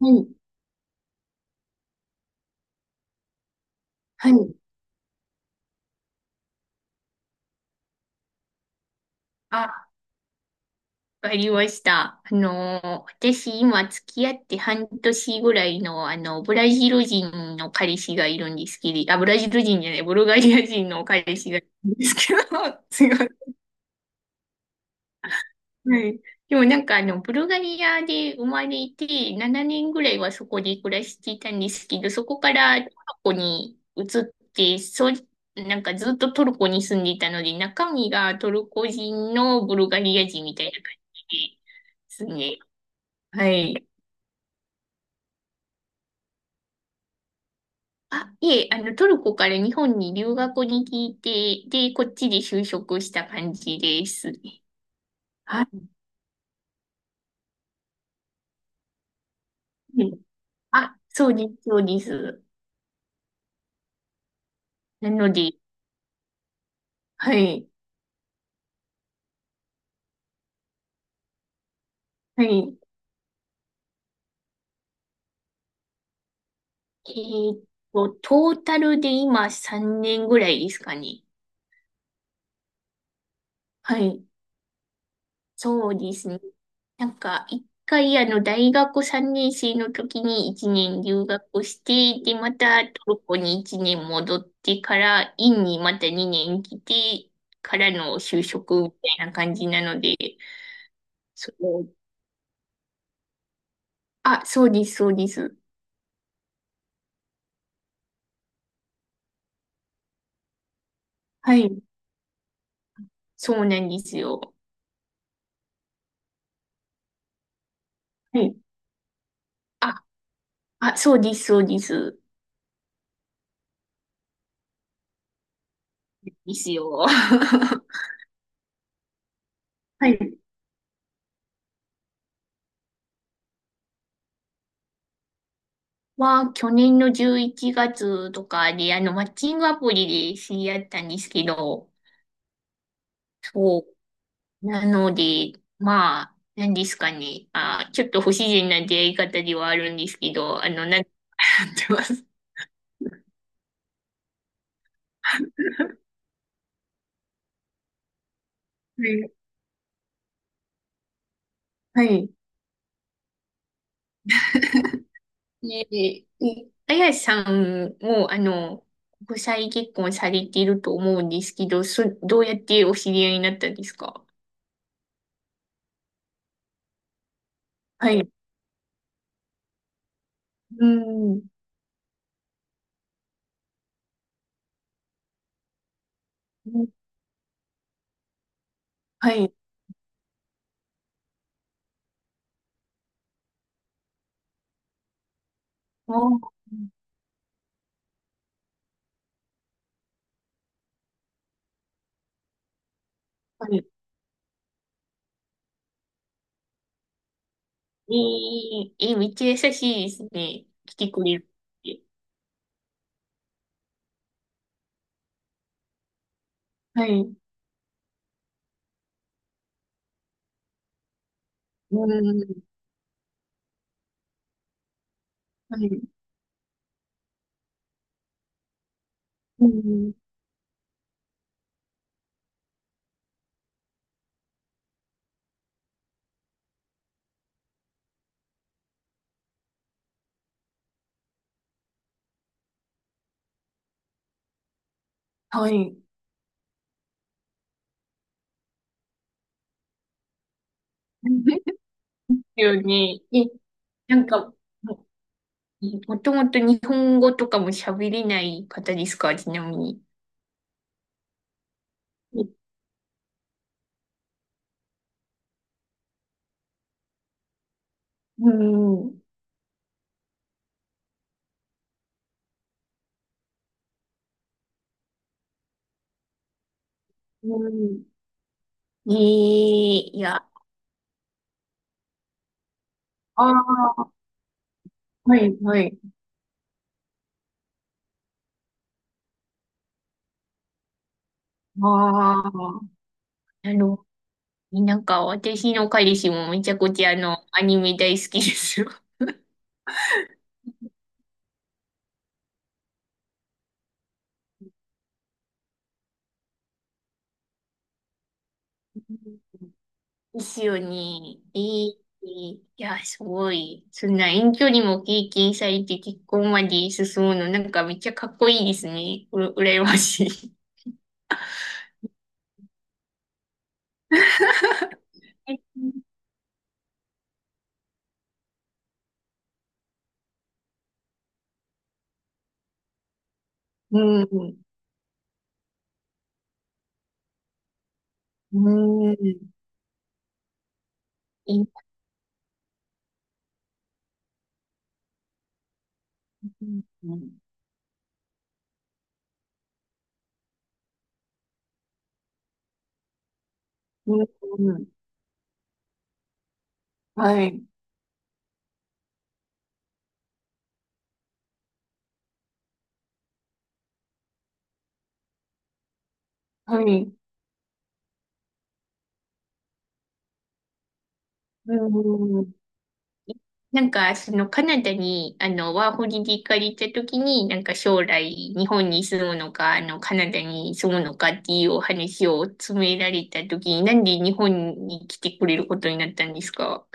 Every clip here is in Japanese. はい、はい、あ、わかりました。私今付き合って半年ぐらいの、ブラジル人の彼氏がいるんですけど、あ、ブラジル人じゃない、ブルガリア人の彼氏がいるんですけど、すごい。はい。でもなんかあの、ブルガリアで生まれて、7年ぐらいはそこで暮らしていたんですけど、そこからトルコに移って、そう、なんかずっとトルコに住んでいたので、中身がトルコ人のブルガリア人みたいな感じですね。はい。あ、いえ、あの、トルコから日本に留学に来て、で、こっちで就職した感じですね。はい。あ、そうです、そうです。なので、はい。はい。えーっトータルで今3年ぐらいですかね。はい。そうですね。なんか、一回あの、大学3年生の時に1年留学して、で、またトルコに1年戻ってから、院にまた2年来て、からの就職みたいな感じなので、そう、あ、そうです、そうです。はい。そうなんですよ。はい。あ、あ、そうです、そうです。ですよ。はい。は、去年の11月とかで、あの、マッチングアプリで知り合ったんですけど、そう。なので、まあ、何ですかね。あ、ちょっと不自然な出会い方ではあるんですけど、あの、なんか、やってます。はい。はい。ねえ、えあやさんも、あの、国際結婚されていると思うんですけど、そ、どうやってお知り合いになったんですか？はい。うん。はい。あ、はい。えー、え、めっちゃ優しいですね。来てくれるって。はい。うん。はい。うん。はい。ですよね。え、なんか、も、もともと日本語とかも喋れない方ですか、ちなみに。え、うん。うん。ええ、いや、ああ、はい、はい。ああ、なるほど。なんか私の彼氏もめちゃくちゃあの、アニメ大好きですよ。ですよね。いい、いや、すごい。そんな遠距離も経験されて結婚まで進むの、なんかめっちゃかっこいいですね。うら、羨ましい。うん、うん、いい、うん、うん、うん、はい、はい、うん。なんか、そのカナダに、あの、ワーホリで行かれた時に、なんか将来、日本に住むのか、あの、カナダに住むのかっていうお話を詰められた時に、なんで日本に来てくれることになったんですか？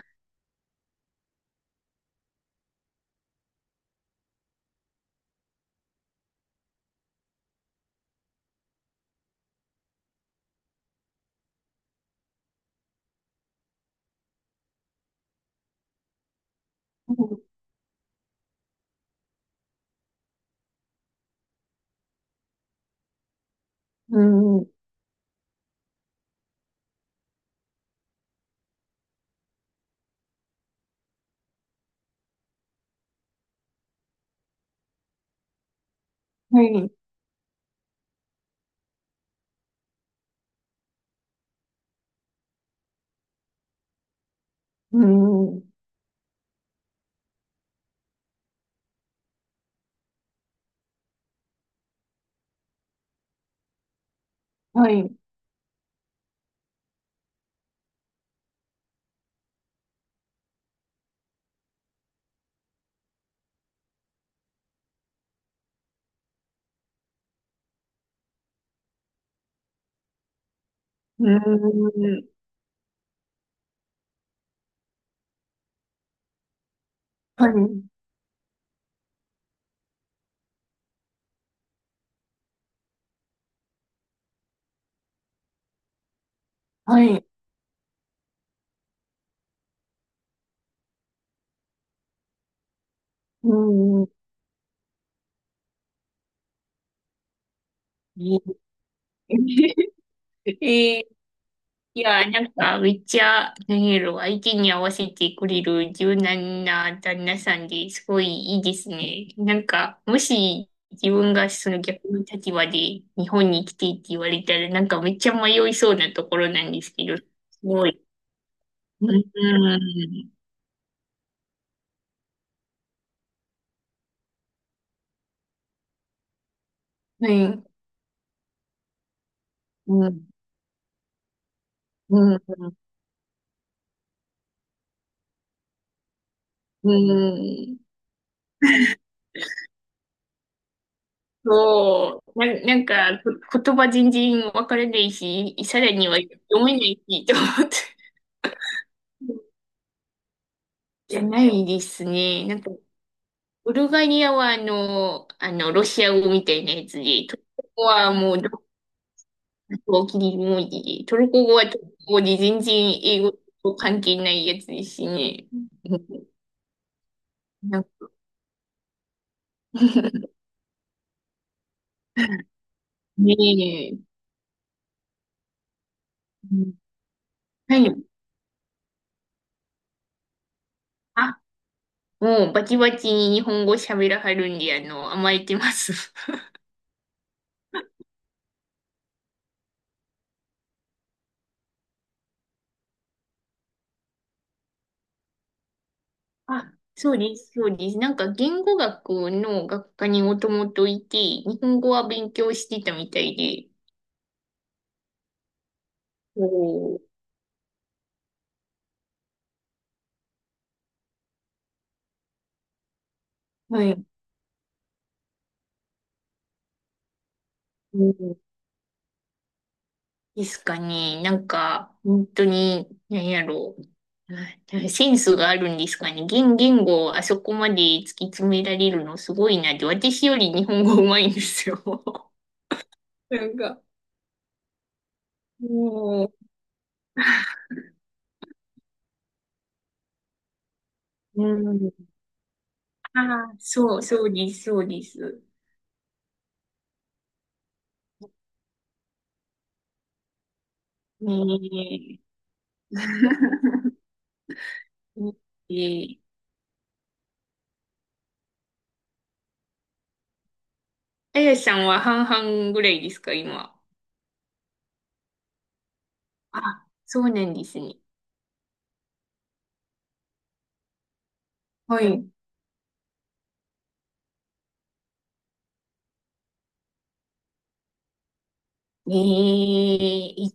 うん、うん、はい、うん、はい、うん、はい、はい、うん。えー。 え、いや、なんか、めっちゃ、なんやろ、相手に合わせてくれる柔軟な旦那さんですごいいいですね。なんか、もし自分がその逆の立場で日本に来てって言われたら、なんかめっちゃ迷いそうなところなんですけど、すごい。うん、うん、はい、うん、うん、うん。そう、な、なんか、こ言葉全然わからないし、さらには読めないし、と思って。じゃないですね。なんか、ブルガリアはあの、あの、ロシア語みたいなやつで、トルコ語はもう、どこキリ文字で、トルコ語はトルコ語で全然英語と関係ないやつですしね。うん。なんか。 ねえ。うん。はい。あ、もうバチバチに日本語喋らはるんで、あの、甘えてます。あ、そうです、そうです。なんか言語学の学科にもともといて、日本語は勉強してたみたいで、こ、はい。うん、ですかね。なんか、本当に、何やろう。なセンスがあるんですかね。言、言語をあそこまで突き詰められるのすごいなって。私より日本語上手いんですよ。なんか、もう、うん。ああ、そう、そうです、そうです。ねえ。ええ。あやさんは半々ぐらいですか、今？あ、そうなんですね。はい。ええ、い、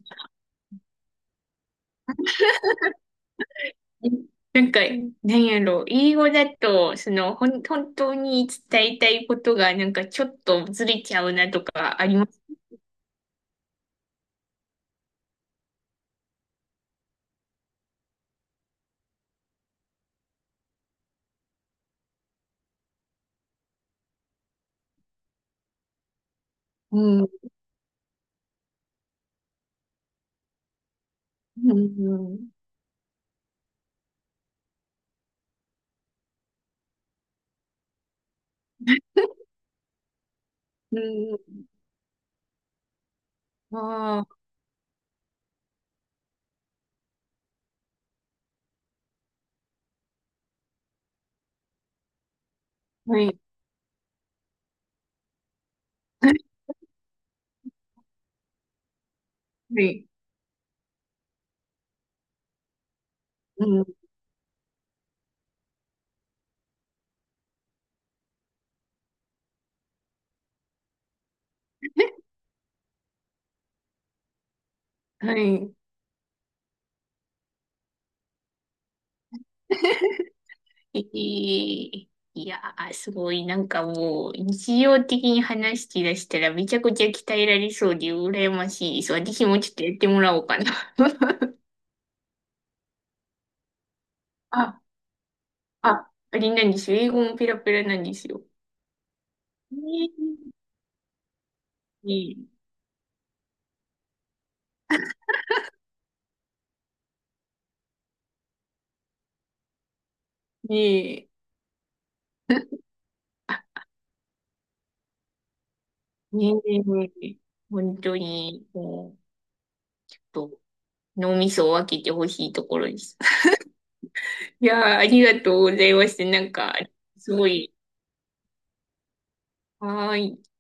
なんか、なんやろう、英語だと、その、ほん、本当に伝えたいことが、なんかちょっとずれちゃうなとかあります。うん。うん。うん。うん。ああ、はい。はい。うん。はい。えー。いやー、すごい、なんかもう、日常的に話し出したらめちゃくちゃ鍛えられそうで羨ましいです。私もちょっとやってもらおうかな。あ、あ、あれなんですよ。英語もペラペラなんですよ。ねえ、ねえ、ねえ、本当に、もう、と、脳みそを分けてほしいところです。いやあ、ありがとうございました。なんか、すごい、はーい。